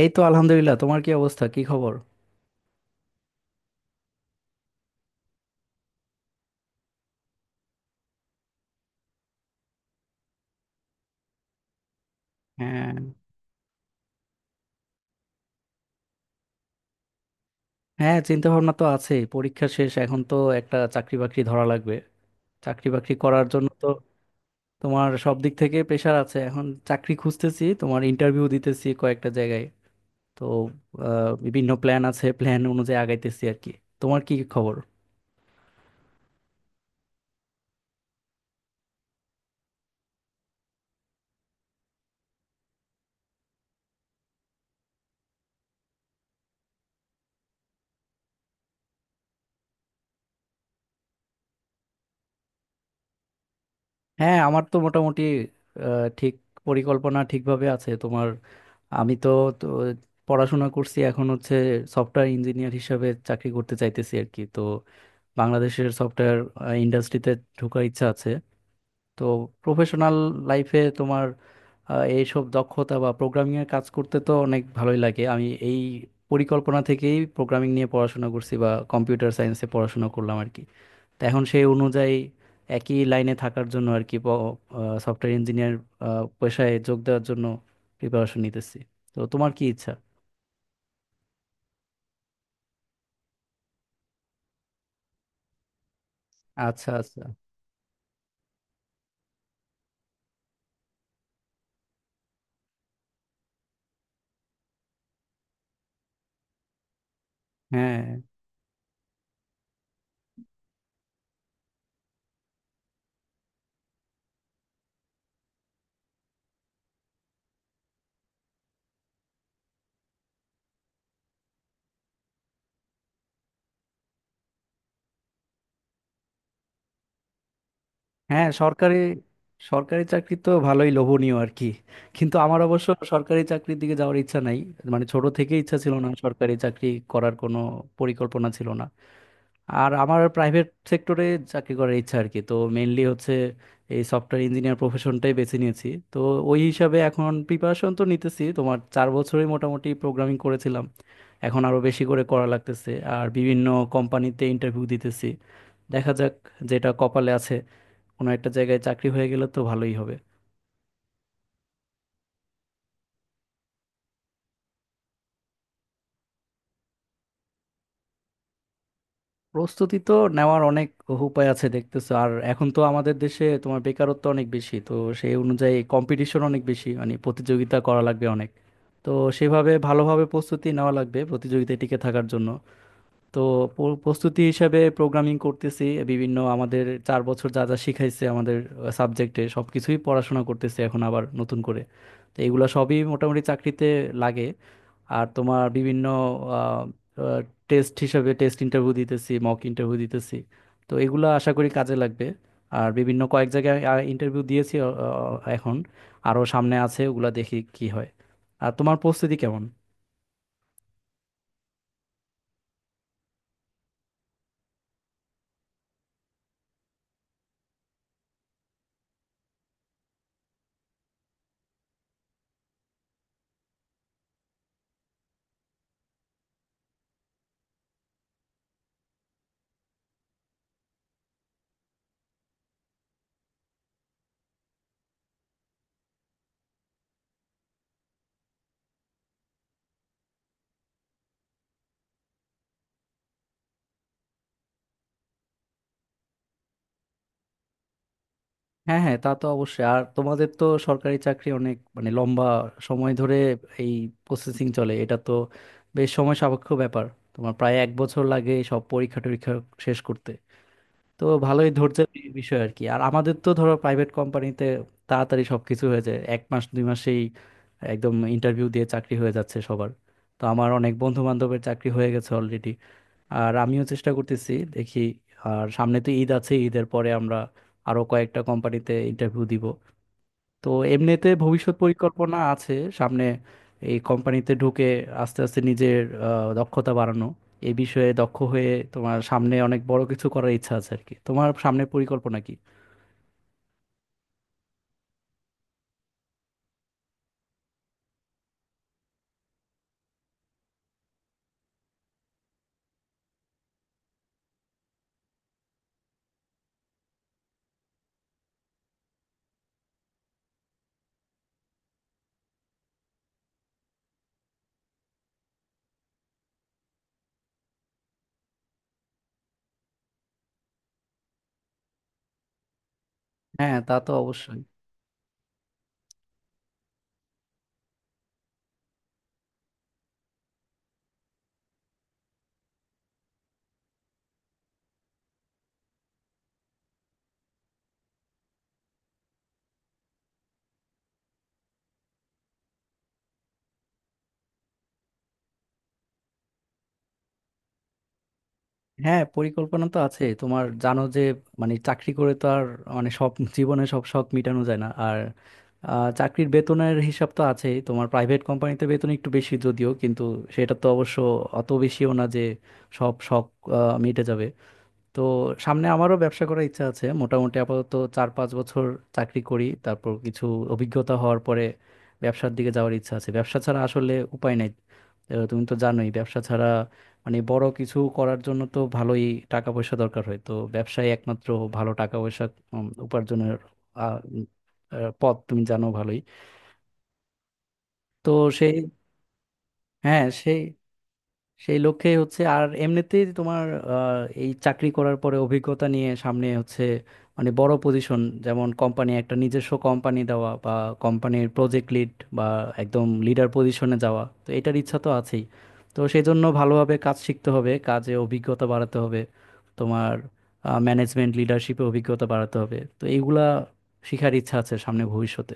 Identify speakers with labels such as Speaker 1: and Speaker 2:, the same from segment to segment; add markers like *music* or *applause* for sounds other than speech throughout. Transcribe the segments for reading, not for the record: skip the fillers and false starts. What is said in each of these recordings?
Speaker 1: এই তো আলহামদুলিল্লাহ। তোমার কি অবস্থা, কি খবর? হ্যাঁ। হ্যাঁ, চিন্তা ভাবনা তো আছে, পরীক্ষা শেষ এখন তো একটা চাকরি বাকরি ধরা লাগবে। চাকরি বাকরি করার জন্য তো, তোমার সব দিক থেকে প্রেশার আছে, এখন চাকরি খুঁজতেছি, তোমার ইন্টারভিউ দিতেছি কয়েকটা জায়গায়। তো, বিভিন্ন প্ল্যান আছে, প্ল্যান অনুযায়ী আগাইতেছি আর কি। তোমার কি খবর? হ্যাঁ, আমার তো মোটামুটি ঠিক পরিকল্পনা ঠিকভাবে আছে তোমার। আমি তো, তো পড়াশোনা করছি এখন হচ্ছে, সফটওয়্যার ইঞ্জিনিয়ার হিসাবে চাকরি করতে চাইতেছি আর কি। তো বাংলাদেশের সফটওয়্যার ইন্ডাস্ট্রিতে ঢোকার ইচ্ছা আছে। তো প্রফেশনাল লাইফে তোমার, এইসব দক্ষতা বা প্রোগ্রামিং এর কাজ করতে তো অনেক ভালোই লাগে। আমি এই পরিকল্পনা থেকেই প্রোগ্রামিং নিয়ে পড়াশোনা করছি, বা কম্পিউটার সায়েন্সে পড়াশোনা করলাম আর কি। তো এখন সেই অনুযায়ী একই লাইনে থাকার জন্য আর কি, সফটওয়্যার ইঞ্জিনিয়ার পেশায় যোগ দেওয়ার জন্য প্রিপারেশন নিতেছি। তো তোমার কি ইচ্ছা? আচ্ছা, আচ্ছা। হ্যাঁ হ্যাঁ, সরকারি সরকারি চাকরি তো ভালোই লোভনীয় আর কি। কিন্তু আমার অবশ্য সরকারি চাকরির দিকে যাওয়ার ইচ্ছা নাই। মানে ছোট থেকে ইচ্ছা ছিল না, সরকারি চাকরি করার কোনো পরিকল্পনা ছিল না। আর আমার প্রাইভেট সেক্টরে চাকরি করার ইচ্ছা আর কি। তো মেইনলি হচ্ছে এই সফটওয়্যার ইঞ্জিনিয়ার প্রফেশনটাই বেছে নিয়েছি। তো ওই হিসাবে এখন প্রিপারেশন তো নিতেছি, তোমার চার বছরই মোটামুটি প্রোগ্রামিং করেছিলাম, এখন আরো বেশি করে করা লাগতেছে। আর বিভিন্ন কোম্পানিতে ইন্টারভিউ দিতেছি, দেখা যাক যেটা কপালে আছে। কোনো একটা জায়গায় চাকরি হয়ে গেলে তো ভালোই হবে। প্রস্তুতি তো নেওয়ার অনেক উপায় আছে দেখতেছো। আর এখন তো আমাদের দেশে তোমার বেকারত্ব অনেক বেশি, তো সেই অনুযায়ী কম্পিটিশন অনেক বেশি, মানে প্রতিযোগিতা করা লাগবে অনেক। তো সেভাবে ভালোভাবে প্রস্তুতি নেওয়া লাগবে প্রতিযোগিতায় টিকে থাকার জন্য। তো প্রস্তুতি হিসাবে প্রোগ্রামিং করতেছি বিভিন্ন, আমাদের চার বছর যা যা শিখাইছে আমাদের সাবজেক্টে সব কিছুই পড়াশোনা করতেছি এখন আবার নতুন করে। তো এগুলো সবই মোটামুটি চাকরিতে লাগে। আর তোমার বিভিন্ন টেস্ট হিসাবে টেস্ট ইন্টারভিউ দিতেছি, মক ইন্টারভিউ দিতেছি। তো এগুলো আশা করি কাজে লাগবে। আর বিভিন্ন কয়েক জায়গায় ইন্টারভিউ দিয়েছি, আ, আ, এখন আরও সামনে আছে, ওগুলা দেখি কি হয়। আর তোমার প্রস্তুতি কেমন? হ্যাঁ, হ্যাঁ, তা তো অবশ্যই। আর তোমাদের তো সরকারি চাকরি অনেক মানে লম্বা সময় ধরে এই প্রসেসিং চলে, এটা তো বেশ সময় সাপেক্ষ ব্যাপার। তোমার প্রায় এক বছর লাগে এই সব পরীক্ষা টরীক্ষা শেষ করতে। তো ভালোই ধৈর্যের বিষয় আর কি। আর আমাদের তো ধরো প্রাইভেট কোম্পানিতে তাড়াতাড়ি সবকিছু হয়ে যায় এক মাস দুই মাসেই, একদম ইন্টারভিউ দিয়ে চাকরি হয়ে যাচ্ছে সবার। তো আমার অনেক বন্ধু বান্ধবের চাকরি হয়ে গেছে অলরেডি। আর আমিও চেষ্টা করতেছি দেখি। আর সামনে তো ঈদ আছে, ঈদের পরে আমরা আরো কয়েকটা কোম্পানিতে ইন্টারভিউ দিব। তো এমনিতে ভবিষ্যৎ পরিকল্পনা আছে সামনে, এই কোম্পানিতে ঢুকে আস্তে আস্তে নিজের দক্ষতা বাড়ানো, এই বিষয়ে দক্ষ হয়ে তোমার সামনে অনেক বড় কিছু করার ইচ্ছা আছে আর কি। তোমার সামনে পরিকল্পনা কি? হ্যাঁ, তা তো অবশ্যই। হ্যাঁ, পরিকল্পনা তো আছে, তোমার জানো যে মানে চাকরি করে তো আর, মানে সব জীবনে সব শখ মেটানো যায় না আর। চাকরির বেতনের হিসাব তো আছেই, তোমার প্রাইভেট কোম্পানিতে বেতন একটু বেশি যদিও কিন্তু সেটা তো অবশ্য অত বেশিও না যে সব শখ মিটে যাবে। তো সামনে আমারও ব্যবসা করার ইচ্ছা আছে মোটামুটি, আপাতত চার পাঁচ বছর চাকরি করি তারপর কিছু অভিজ্ঞতা হওয়ার পরে ব্যবসার দিকে যাওয়ার ইচ্ছা আছে। ব্যবসা ছাড়া আসলে উপায় নাই। তুমি তো জানোই ব্যবসা ছাড়া মানে বড় কিছু করার জন্য তো ভালোই টাকা পয়সা দরকার হয়। তো ব্যবসায় একমাত্র ভালো টাকা পয়সা উপার্জনের আহ, উম, পথ তুমি জানো ভালোই। তো সেই হ্যাঁ, সেই সেই লক্ষ্যে হচ্ছে। আর এমনিতেই তোমার এই চাকরি করার পরে অভিজ্ঞতা নিয়ে সামনে হচ্ছে মানে বড় পজিশন, যেমন কোম্পানি, একটা নিজস্ব কোম্পানি দেওয়া বা কোম্পানির প্রজেক্ট লিড বা একদম লিডার পজিশনে যাওয়া, তো এটার ইচ্ছা তো আছেই। তো সেই জন্য ভালোভাবে কাজ শিখতে হবে, কাজে অভিজ্ঞতা বাড়াতে হবে, তোমার ম্যানেজমেন্ট লিডারশিপে অভিজ্ঞতা বাড়াতে হবে। তো এইগুলা শিখার ইচ্ছা আছে সামনে ভবিষ্যতে।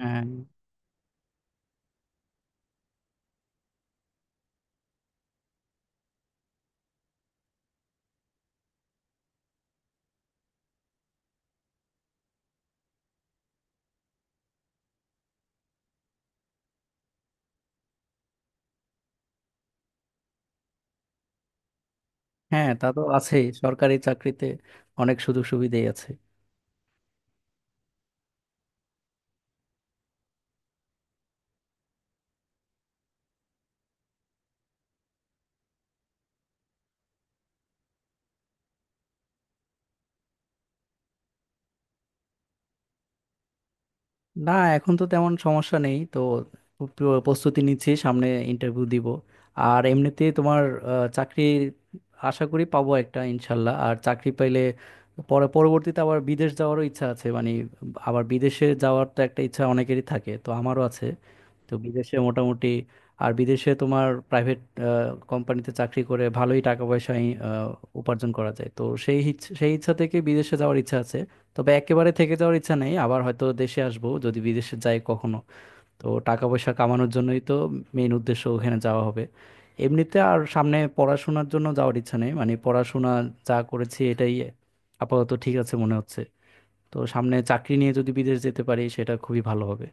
Speaker 1: হ্যাঁ, হ্যাঁ, তা তো আছেই সরকারি চাকরিতে। অনেক সুযোগ সুবিধাই আছে। না, এখন তো তেমন সমস্যা নেই। তো প্রস্তুতি নিচ্ছি, সামনে ইন্টারভিউ দিব। আর এমনিতে তোমার চাকরি আশা করি পাবো একটা ইনশাল্লাহ। আর চাকরি পাইলে পরে পরবর্তীতে আবার বিদেশ যাওয়ারও ইচ্ছা আছে মানে, আবার বিদেশে যাওয়ার তো একটা ইচ্ছা অনেকেরই থাকে, তো আমারও আছে। তো বিদেশে মোটামুটি, আর বিদেশে তোমার প্রাইভেট কোম্পানিতে চাকরি করে ভালোই টাকা পয়সা উপার্জন করা যায়, তো সেই ইচ্ছা থেকে বিদেশে যাওয়ার ইচ্ছা আছে। তবে একেবারে থেকে যাওয়ার ইচ্ছা নেই, আবার হয়তো দেশে আসবো যদি বিদেশে যাই কখনো। তো টাকা পয়সা কামানোর জন্যই তো মেইন উদ্দেশ্য ওখানে যাওয়া হবে। এমনিতে আর সামনে পড়াশোনার জন্য যাওয়ার ইচ্ছা নেই, মানে পড়াশোনা যা করেছি এটাই আপাতত ঠিক আছে মনে হচ্ছে। তো সামনে চাকরি নিয়ে যদি বিদেশ যেতে পারি সেটা খুবই ভালো হবে।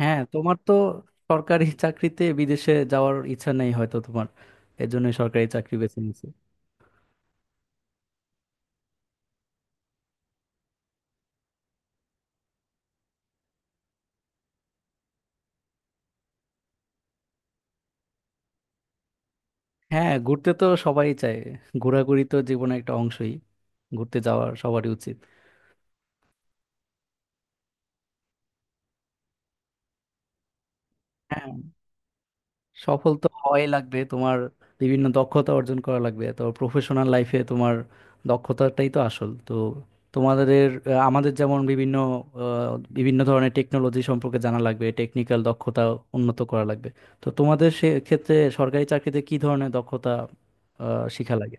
Speaker 1: হ্যাঁ, তোমার তো সরকারি *laughs* চাকরিতে বিদেশে যাওয়ার ইচ্ছা নেই হয়তো, তোমার এজন্য সরকারি চাকরি বেছে নিয়েছি। হ্যাঁ, ঘুরতে তো সবাই চায়। ঘোরাঘুরি তো জীবনের একটা অংশই, ঘুরতে যাওয়ার সবারই উচিত। হ্যাঁ, সফল তো হওয়াই লাগবে। তোমার বিভিন্ন দক্ষতা অর্জন করা লাগবে, তো প্রফেশনাল লাইফে তোমার দক্ষতাটাই তো আসল। তো তোমাদের আমাদের যেমন বিভিন্ন ধরনের টেকনোলজি সম্পর্কে জানা লাগবে, টেকনিক্যাল দক্ষতা উন্নত করা লাগবে। তো তোমাদের সে ক্ষেত্রে সরকারি চাকরিতে কি ধরনের দক্ষতা শিখা লাগে?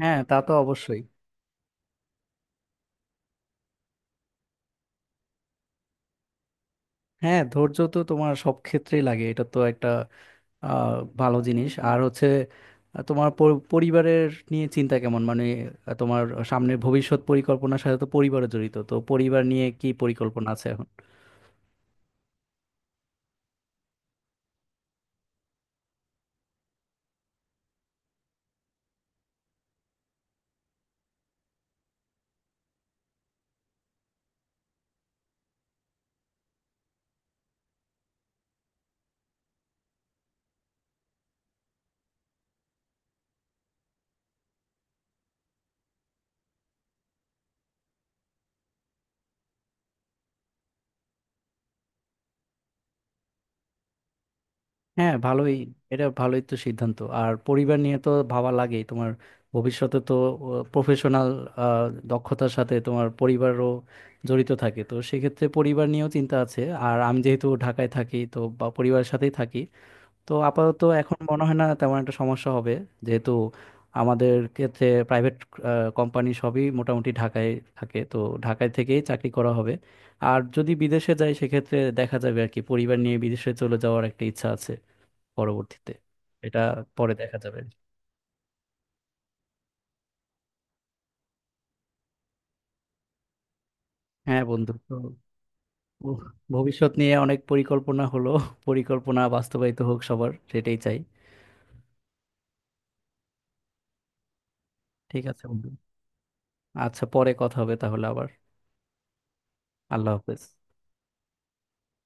Speaker 1: হ্যাঁ, তা তো অবশ্যই। হ্যাঁ, ধৈর্য তো তোমার সব ক্ষেত্রেই লাগে, এটা তো একটা আহ, ভালো জিনিস। আর হচ্ছে তোমার পরিবারের নিয়ে চিন্তা কেমন মানে, তোমার সামনের ভবিষ্যৎ পরিকল্পনার সাথে তো পরিবার জড়িত, তো পরিবার নিয়ে কি পরিকল্পনা আছে এখন? হ্যাঁ, ভালোই। এটা ভালোই তো সিদ্ধান্ত, আর পরিবার নিয়ে তো ভাবা লাগেই। তোমার ভবিষ্যতে তো প্রফেশনাল দক্ষতার সাথে তোমার পরিবারও জড়িত থাকে, তো সেক্ষেত্রে পরিবার নিয়েও চিন্তা আছে। আর আমি যেহেতু ঢাকায় থাকি, তো বা পরিবারের সাথেই থাকি, তো আপাতত এখন মনে হয় না তেমন একটা সমস্যা হবে। যেহেতু আমাদের ক্ষেত্রে প্রাইভেট কোম্পানি সবই মোটামুটি ঢাকায় থাকে, তো ঢাকায় থেকেই চাকরি করা হবে। আর যদি বিদেশে যাই সেক্ষেত্রে দেখা যাবে আর কি, পরিবার নিয়ে বিদেশে চলে যাওয়ার একটা ইচ্ছা আছে পরবর্তীতে। এটা পরে দেখা যাবে। হ্যাঁ বন্ধু, তো উহ, ভবিষ্যৎ নিয়ে অনেক পরিকল্পনা হলো, পরিকল্পনা বাস্তবায়িত হোক সবার, সেটাই চাই। ঠিক আছে বন্ধু, আচ্ছা পরে কথা হবে তাহলে আবার। আল্লাহ হাফেজ।